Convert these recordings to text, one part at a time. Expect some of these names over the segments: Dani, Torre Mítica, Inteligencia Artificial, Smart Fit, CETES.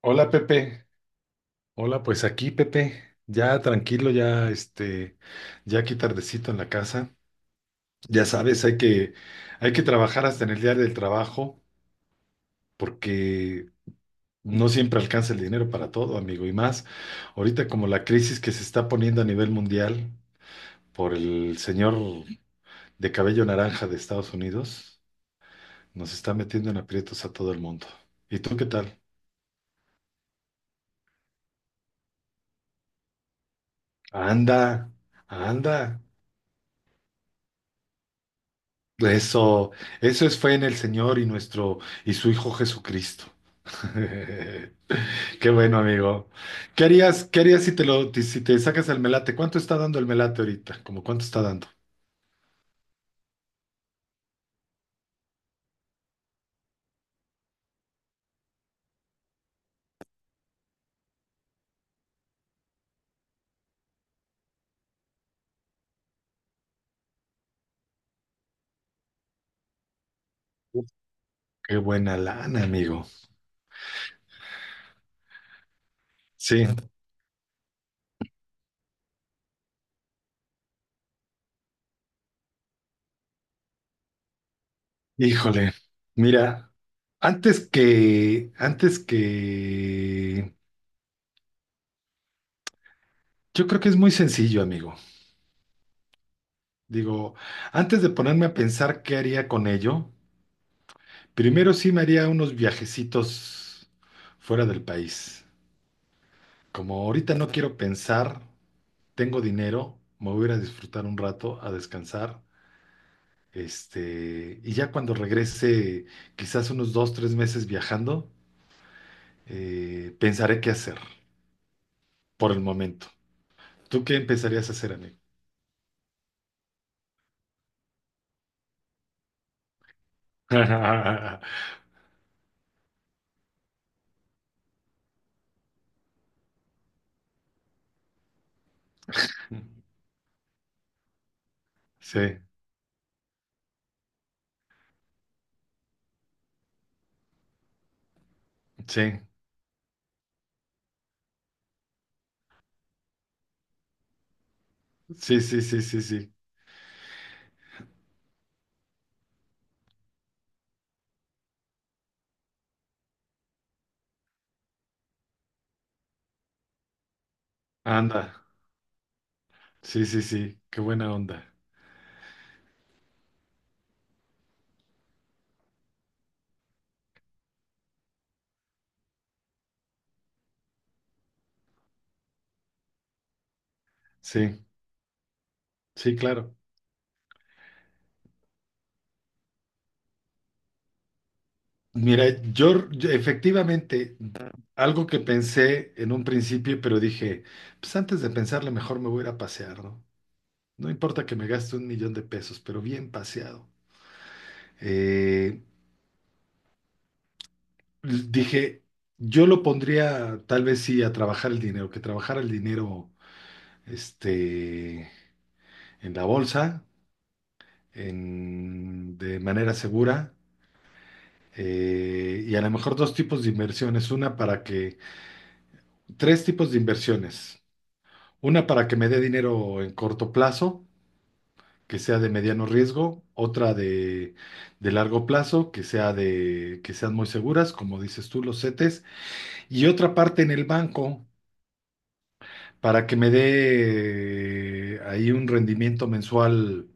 Hola Pepe, hola pues aquí Pepe, ya tranquilo, ya aquí tardecito en la casa, ya sabes, hay que trabajar hasta en el día del trabajo, porque no siempre alcanza el dinero para todo, amigo, y más ahorita como la crisis que se está poniendo a nivel mundial por el señor de cabello naranja de Estados Unidos, nos está metiendo en aprietos a todo el mundo. ¿Y tú qué tal? Anda, anda. Eso, eso es fe en el Señor y nuestro y su Hijo Jesucristo. Qué bueno, amigo. Qué harías si te lo, si te sacas el melate? ¿Cuánto está dando el melate ahorita? ¿Cómo cuánto está dando? Uf, qué buena lana, amigo. Sí, híjole. Mira, antes que, antes que, yo creo que es muy sencillo, amigo. Digo, antes de ponerme a pensar qué haría con ello, primero sí me haría unos viajecitos fuera del país. Como ahorita no quiero pensar, tengo dinero, me voy a ir a disfrutar un rato, a descansar, este, y ya cuando regrese, quizás unos dos, tres meses viajando, pensaré qué hacer por el momento. ¿Tú qué empezarías a hacer, amigo? Sí, sí, sí, sí, sí, sí, sí. Anda, sí, sí, sí, qué buena onda. Sí, sí, claro. Mira, yo efectivamente algo que pensé en un principio, pero dije, pues antes de pensarle mejor me voy a ir a pasear, ¿no? No importa que me gaste 1 millón de pesos, pero bien paseado. Eh, dije, yo lo pondría tal vez sí a trabajar el dinero, que trabajara el dinero este, en la bolsa, de manera segura. Y a lo mejor dos tipos de inversiones, una para que, tres tipos de inversiones. Una para que me dé dinero en corto plazo, que sea de mediano riesgo, otra de largo plazo, que sea de, que sean muy seguras, como dices tú, los CETES, y otra parte en el banco para que me dé ahí un rendimiento mensual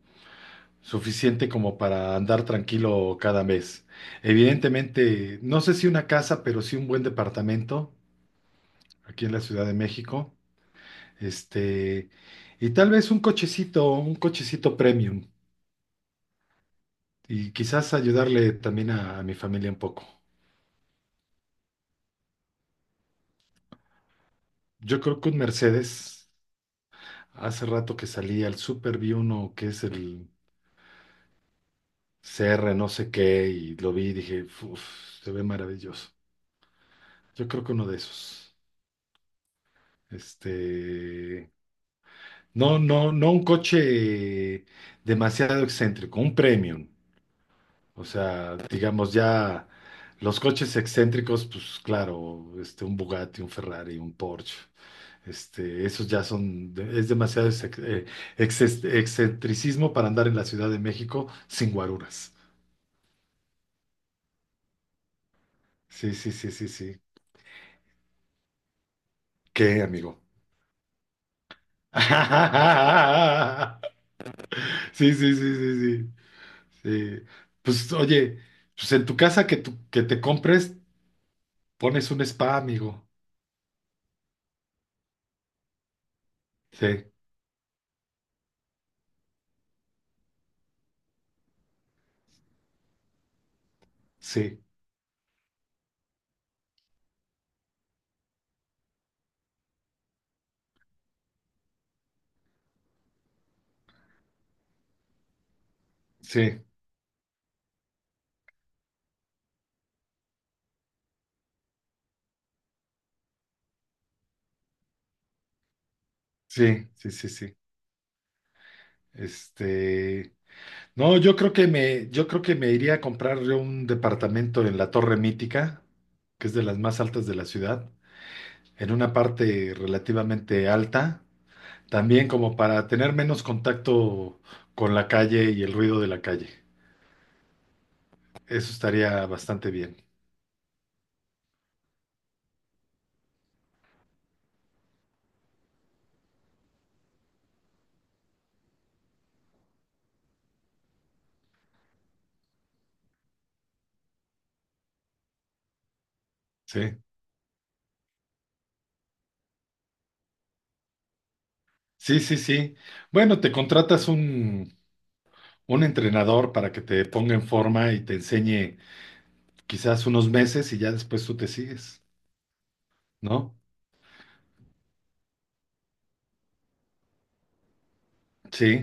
suficiente como para andar tranquilo cada mes. Evidentemente, no sé si una casa, pero sí un buen departamento aquí en la Ciudad de México. Este, y tal vez un cochecito premium. Y quizás ayudarle también a mi familia un poco. Yo creo que un Mercedes, hace rato que salí al súper, vi uno que es el CR no sé qué y lo vi y dije, uff, se ve maravilloso. Yo creo que uno de esos. Este, no, no, no un coche demasiado excéntrico, un premium. O sea, digamos ya los coches excéntricos, pues claro, este, un Bugatti, un Ferrari, un Porsche. Este, esos ya son, es demasiado excentricismo para andar en la Ciudad de México sin guaruras. Sí, sí, sí, sí, sí. ¿Qué, amigo? Sí, sí, sí, sí, sí. Sí. Pues oye, pues en tu casa que, que te compres, pones un spa, amigo. Sí, sí, sí, sí, sí, sí, sí. Este. No, yo creo que me, yo creo que me iría a comprar yo un departamento en la Torre Mítica, que es de las más altas de la ciudad, en una parte relativamente alta, también como para tener menos contacto con la calle y el ruido de la calle. Eso estaría bastante bien. Sí, sí, sí, sí. Bueno, te contratas un entrenador para que te ponga en forma y te enseñe quizás unos meses y ya después tú te sigues, ¿no? Sí.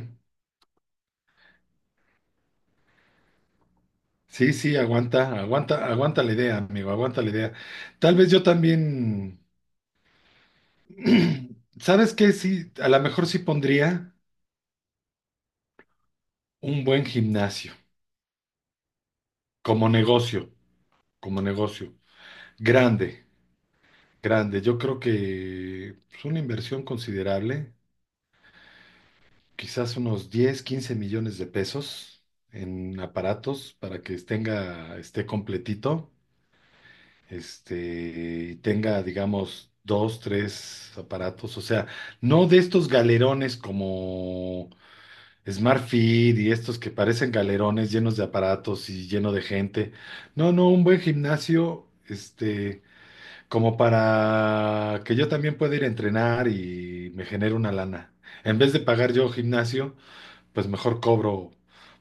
Sí, sí, aguanta, aguanta, aguanta la idea, amigo, aguanta la idea. Tal vez yo también, ¿sabes qué? Sí, a lo mejor sí pondría un buen gimnasio, como negocio, como negocio. Grande, grande. Yo creo que es una inversión considerable, quizás unos 10, 15 millones de pesos en aparatos para que tenga, esté completito. Este, y tenga, digamos, dos, tres aparatos, o sea, no de estos galerones como Smart Fit y estos que parecen galerones llenos de aparatos y lleno de gente. No, no, un buen gimnasio, este, como para que yo también pueda ir a entrenar y me genere una lana. En vez de pagar yo gimnasio, pues mejor cobro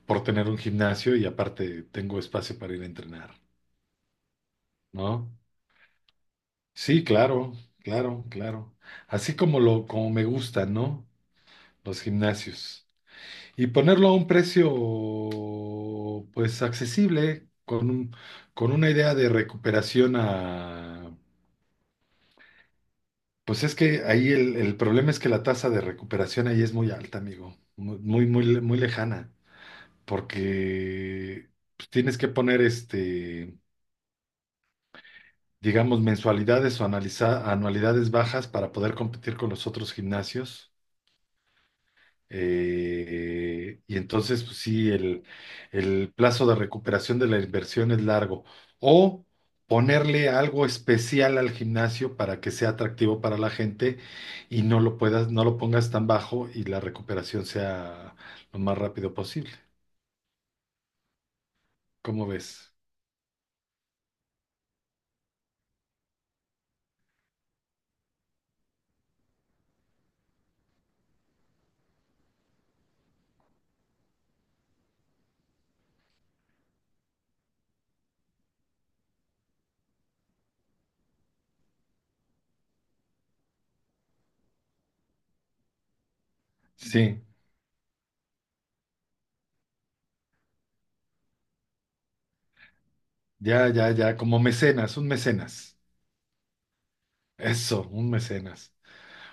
por tener un gimnasio y aparte tengo espacio para ir a entrenar, ¿no? Sí, claro, claro, claro. Así como lo, como me gustan, ¿no? Los gimnasios. Y ponerlo a un precio, pues, accesible, con un, con una idea de recuperación a... Pues es que ahí el problema es que la tasa de recuperación ahí es muy alta, amigo. Muy, muy, muy, muy lejana. Porque pues, tienes que poner este, digamos, mensualidades o anualidades bajas para poder competir con los otros gimnasios. Y entonces, pues sí, el plazo de recuperación de la inversión es largo. O ponerle algo especial al gimnasio para que sea atractivo para la gente y no lo puedas, no lo pongas tan bajo y la recuperación sea lo más rápido posible. ¿Cómo ves? Sí, ya, ya, ya, como mecenas, un mecenas. Eso, un mecenas.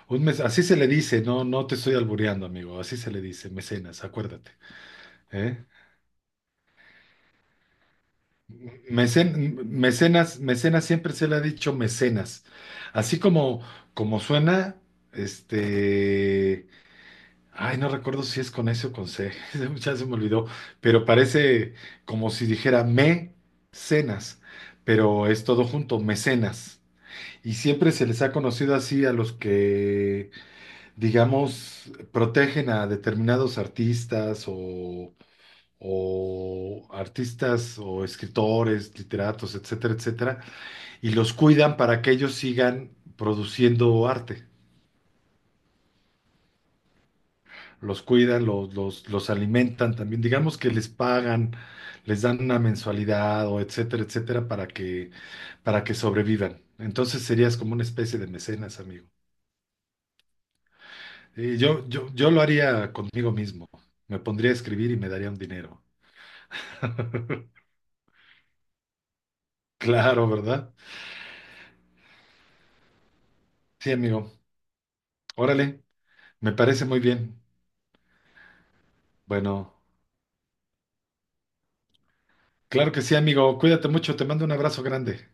Un mes, así se le dice, no, no te estoy albureando, amigo, así se le dice, mecenas, acuérdate. ¿Eh? Mecenas, mecenas siempre se le ha dicho mecenas. Así como, como suena, este. Ay, no recuerdo si es con S o con C, ya se me olvidó, pero parece como si dijera me cenas, pero es todo junto, mecenas. Y siempre se les ha conocido así a los que, digamos, protegen a determinados artistas o artistas o escritores, literatos, etcétera, etcétera y los cuidan para que ellos sigan produciendo arte. Los cuidan, los alimentan también. Digamos que les pagan, les dan una mensualidad o etcétera, etcétera, para que sobrevivan. Entonces serías como una especie de mecenas, amigo. Y yo lo haría conmigo mismo. Me pondría a escribir y me daría un dinero. Claro, ¿verdad? Sí, amigo. Órale, me parece muy bien. Bueno, claro que sí, amigo. Cuídate mucho. Te mando un abrazo grande.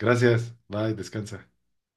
Gracias. Bye, descansa.